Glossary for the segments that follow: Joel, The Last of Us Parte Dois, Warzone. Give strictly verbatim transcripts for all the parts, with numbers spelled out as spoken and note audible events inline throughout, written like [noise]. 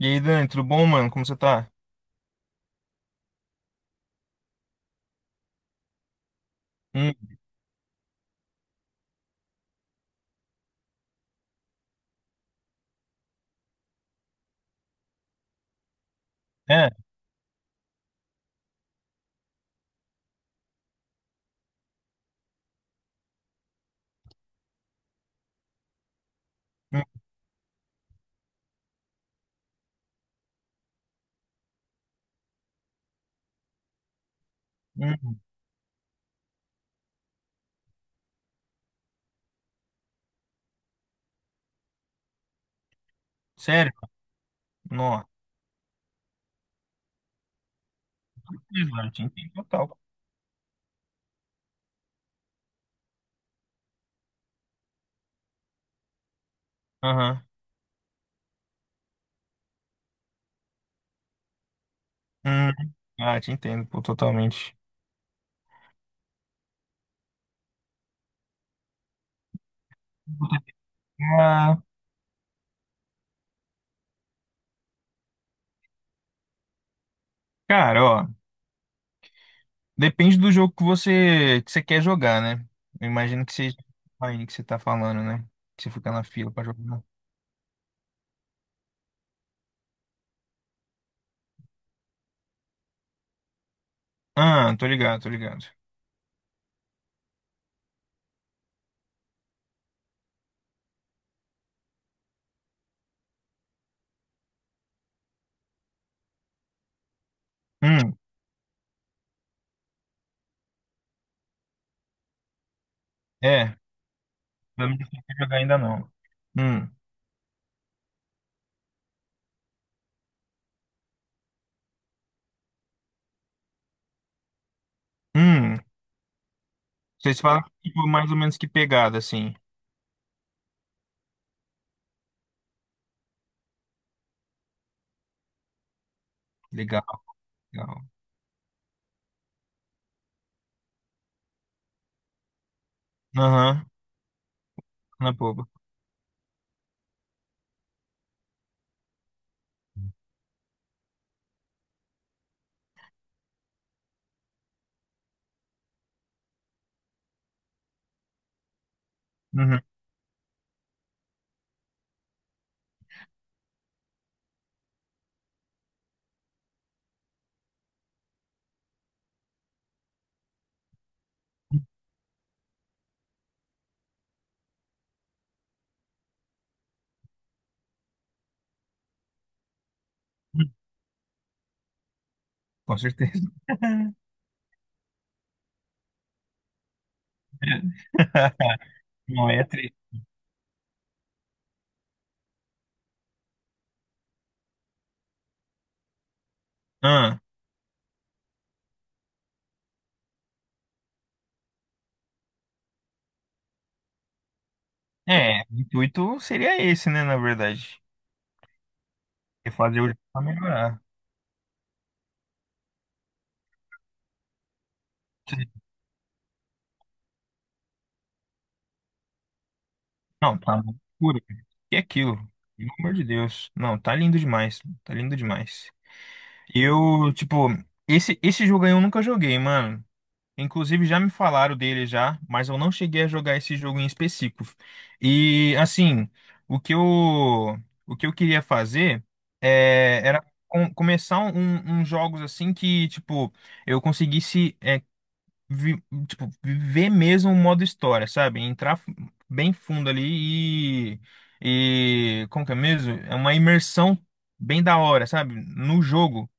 E aí, Dani, tudo bom, mano? Como você tá? Hum, é? Hum, hum. Sério? Não. Eu te entendo total. Aham. Hum. Ah, te entendo, pô, totalmente. Ah, cara, ó, depende do jogo que você, que você quer jogar, né? Eu imagino que seja o Mine que você tá falando, né? Que você fica na fila pra jogar. Ah, tô ligado, tô ligado. Hum, é. Eu não sei jogar ainda não. Hum, hum. Vocês falam, tipo, mais ou menos que pegada, assim. Legal, legal. Aham. Na boba. Uhum. Com certeza. [laughs] Não é triste. Ah, é, o intuito seria esse, né, na verdade. É fazer o jogo pra melhorar. Não, tá uma loucura, cara. E aquilo? Pelo amor de Deus. Não, tá lindo demais. Tá lindo demais. Eu, tipo, esse, esse jogo aí eu nunca joguei, mano. Inclusive já me falaram dele já, mas eu não cheguei a jogar esse jogo em específico. E assim, o que eu, o que eu queria fazer é, era com- começar um, um, uns jogos assim que, tipo, eu conseguisse é, vi- tipo, viver mesmo o modo história, sabe? Entrar f- bem fundo ali e, e como que é mesmo? É uma imersão bem da hora, sabe? No jogo.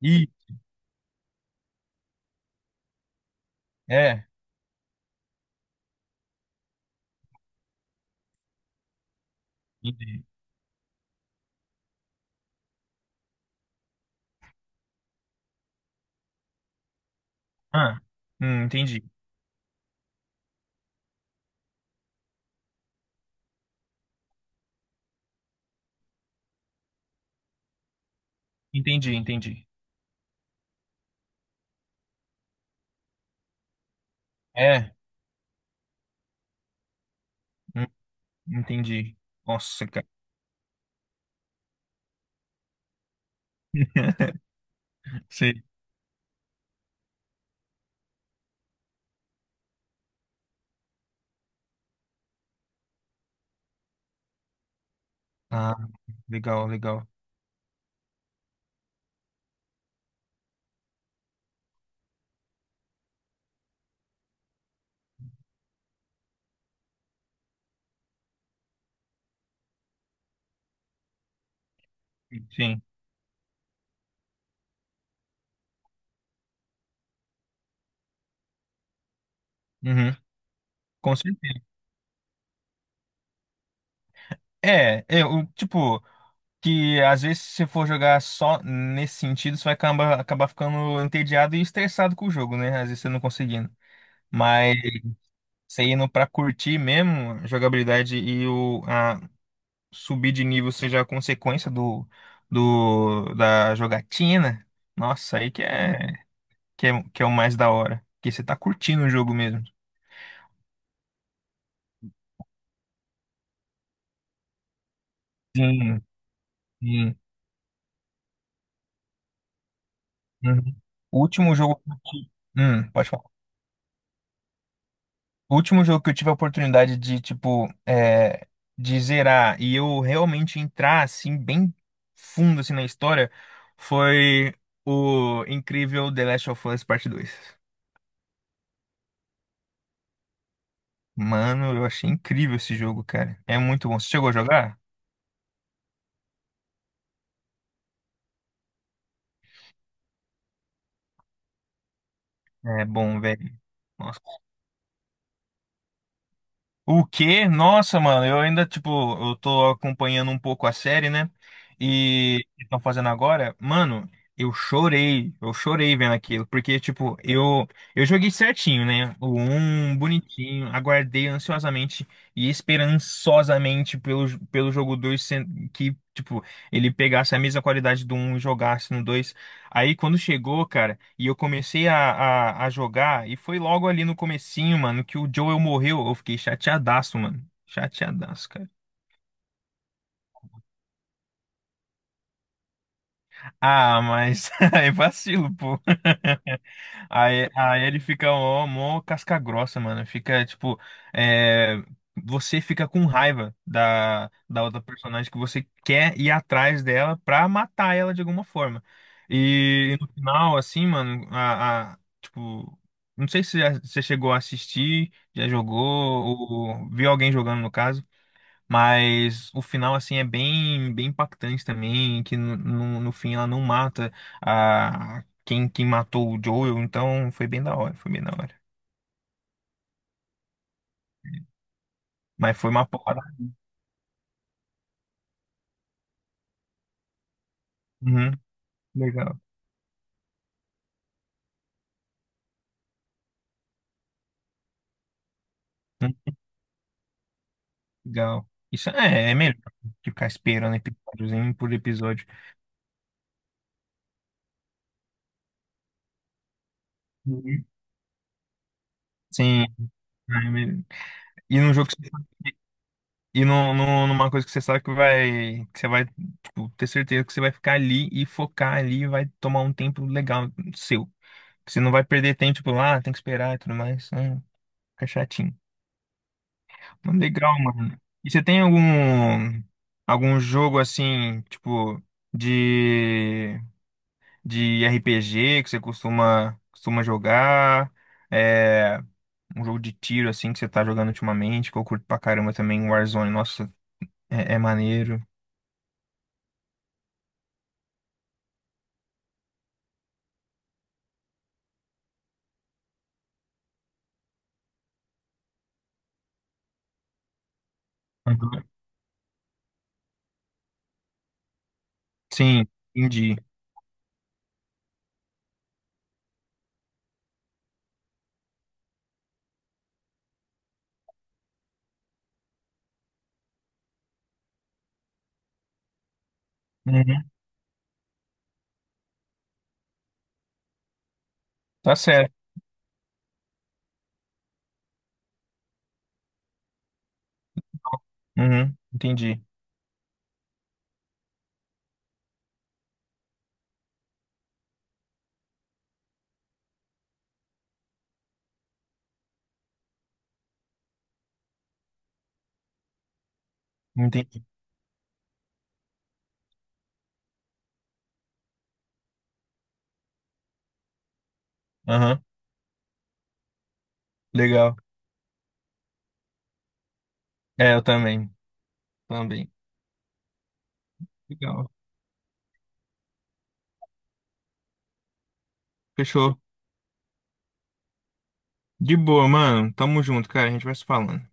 E é. Entendi. Ah, hum, entendi. Entendi, entendi. É, hum, entendi. Nossa, cara. [laughs] Sei. Ah, legal, legal. Sim. Uhum, com certeza. É, eu, tipo, que às vezes se você for jogar só nesse sentido, você vai acabar, acabar ficando entediado e estressado com o jogo, né? Às vezes você não conseguindo. Mas você indo pra curtir mesmo a jogabilidade e o a subir de nível seja a consequência do, do da jogatina, nossa, aí que é. que é, que é o mais da hora. Que você tá curtindo o jogo mesmo. Sim, sim. Uhum. O último jogo. Hum, pode falar. O último jogo que eu tive a oportunidade de, tipo, é, de zerar e eu realmente entrar, assim, bem fundo, assim, na história, foi o incrível The Last of Us Parte Dois. Mano, eu achei incrível esse jogo, cara. É muito bom. Você chegou a jogar? É bom, velho. O quê? Nossa, mano, eu ainda, tipo, eu tô acompanhando um pouco a série, né? E estão fazendo agora, mano, eu chorei, eu chorei vendo aquilo, porque, tipo, eu eu joguei certinho, né? O um bonitinho, aguardei ansiosamente e esperançosamente pelo, pelo jogo dois que, tipo, ele pegasse a mesma qualidade do um e jogasse no dois. Aí quando chegou, cara, e eu comecei a, a, a jogar, e foi logo ali no comecinho, mano, que o Joel morreu. Eu fiquei chateadaço, mano. Chateadaço, cara. Ah, mas [laughs] aí vacilo, pô. [laughs] Aí, aí ele fica ó, mó casca grossa, mano. Fica, tipo, é, você fica com raiva da, da outra personagem que você quer ir atrás dela pra matar ela de alguma forma. E, no final, assim, mano, a, a- tipo, não sei se já- você chegou a assistir, já jogou, ou viu alguém jogando no caso. Mas o final, assim, é bem, bem impactante também, que no, no, no fim ela não mata a quem, quem matou o Joel, então foi bem da hora, foi bem da hora. Mas foi uma porrada. Uhum, legal. Hum, legal. Isso é, é melhor que ficar esperando episódiozinho por episódio. Uhum. Sim. É melhor. E num jogo que você, e num, num- numa coisa que você sabe que vai, que você vai, tipo, ter certeza que você vai ficar ali e focar ali e vai tomar um tempo legal seu. Você não vai perder tempo, tipo, ah, tem que esperar e tudo mais, né? Fica chatinho. Mas legal, mano. E você tem algum algum jogo assim, tipo, de, de R P G que você costuma, costuma jogar? É, um jogo de tiro assim que você tá jogando ultimamente, que eu curto pra caramba também, Warzone. Nossa, é, é maneiro. Uhum. Sim, entendi. Uhum. Tá certo. Uhum. Entendi. Entendi. Aham. Legal. É, eu também. Também. Legal. Fechou. De boa, mano. Tamo junto, cara. A gente vai se falando.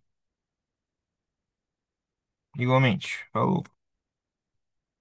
Igualmente. Falou.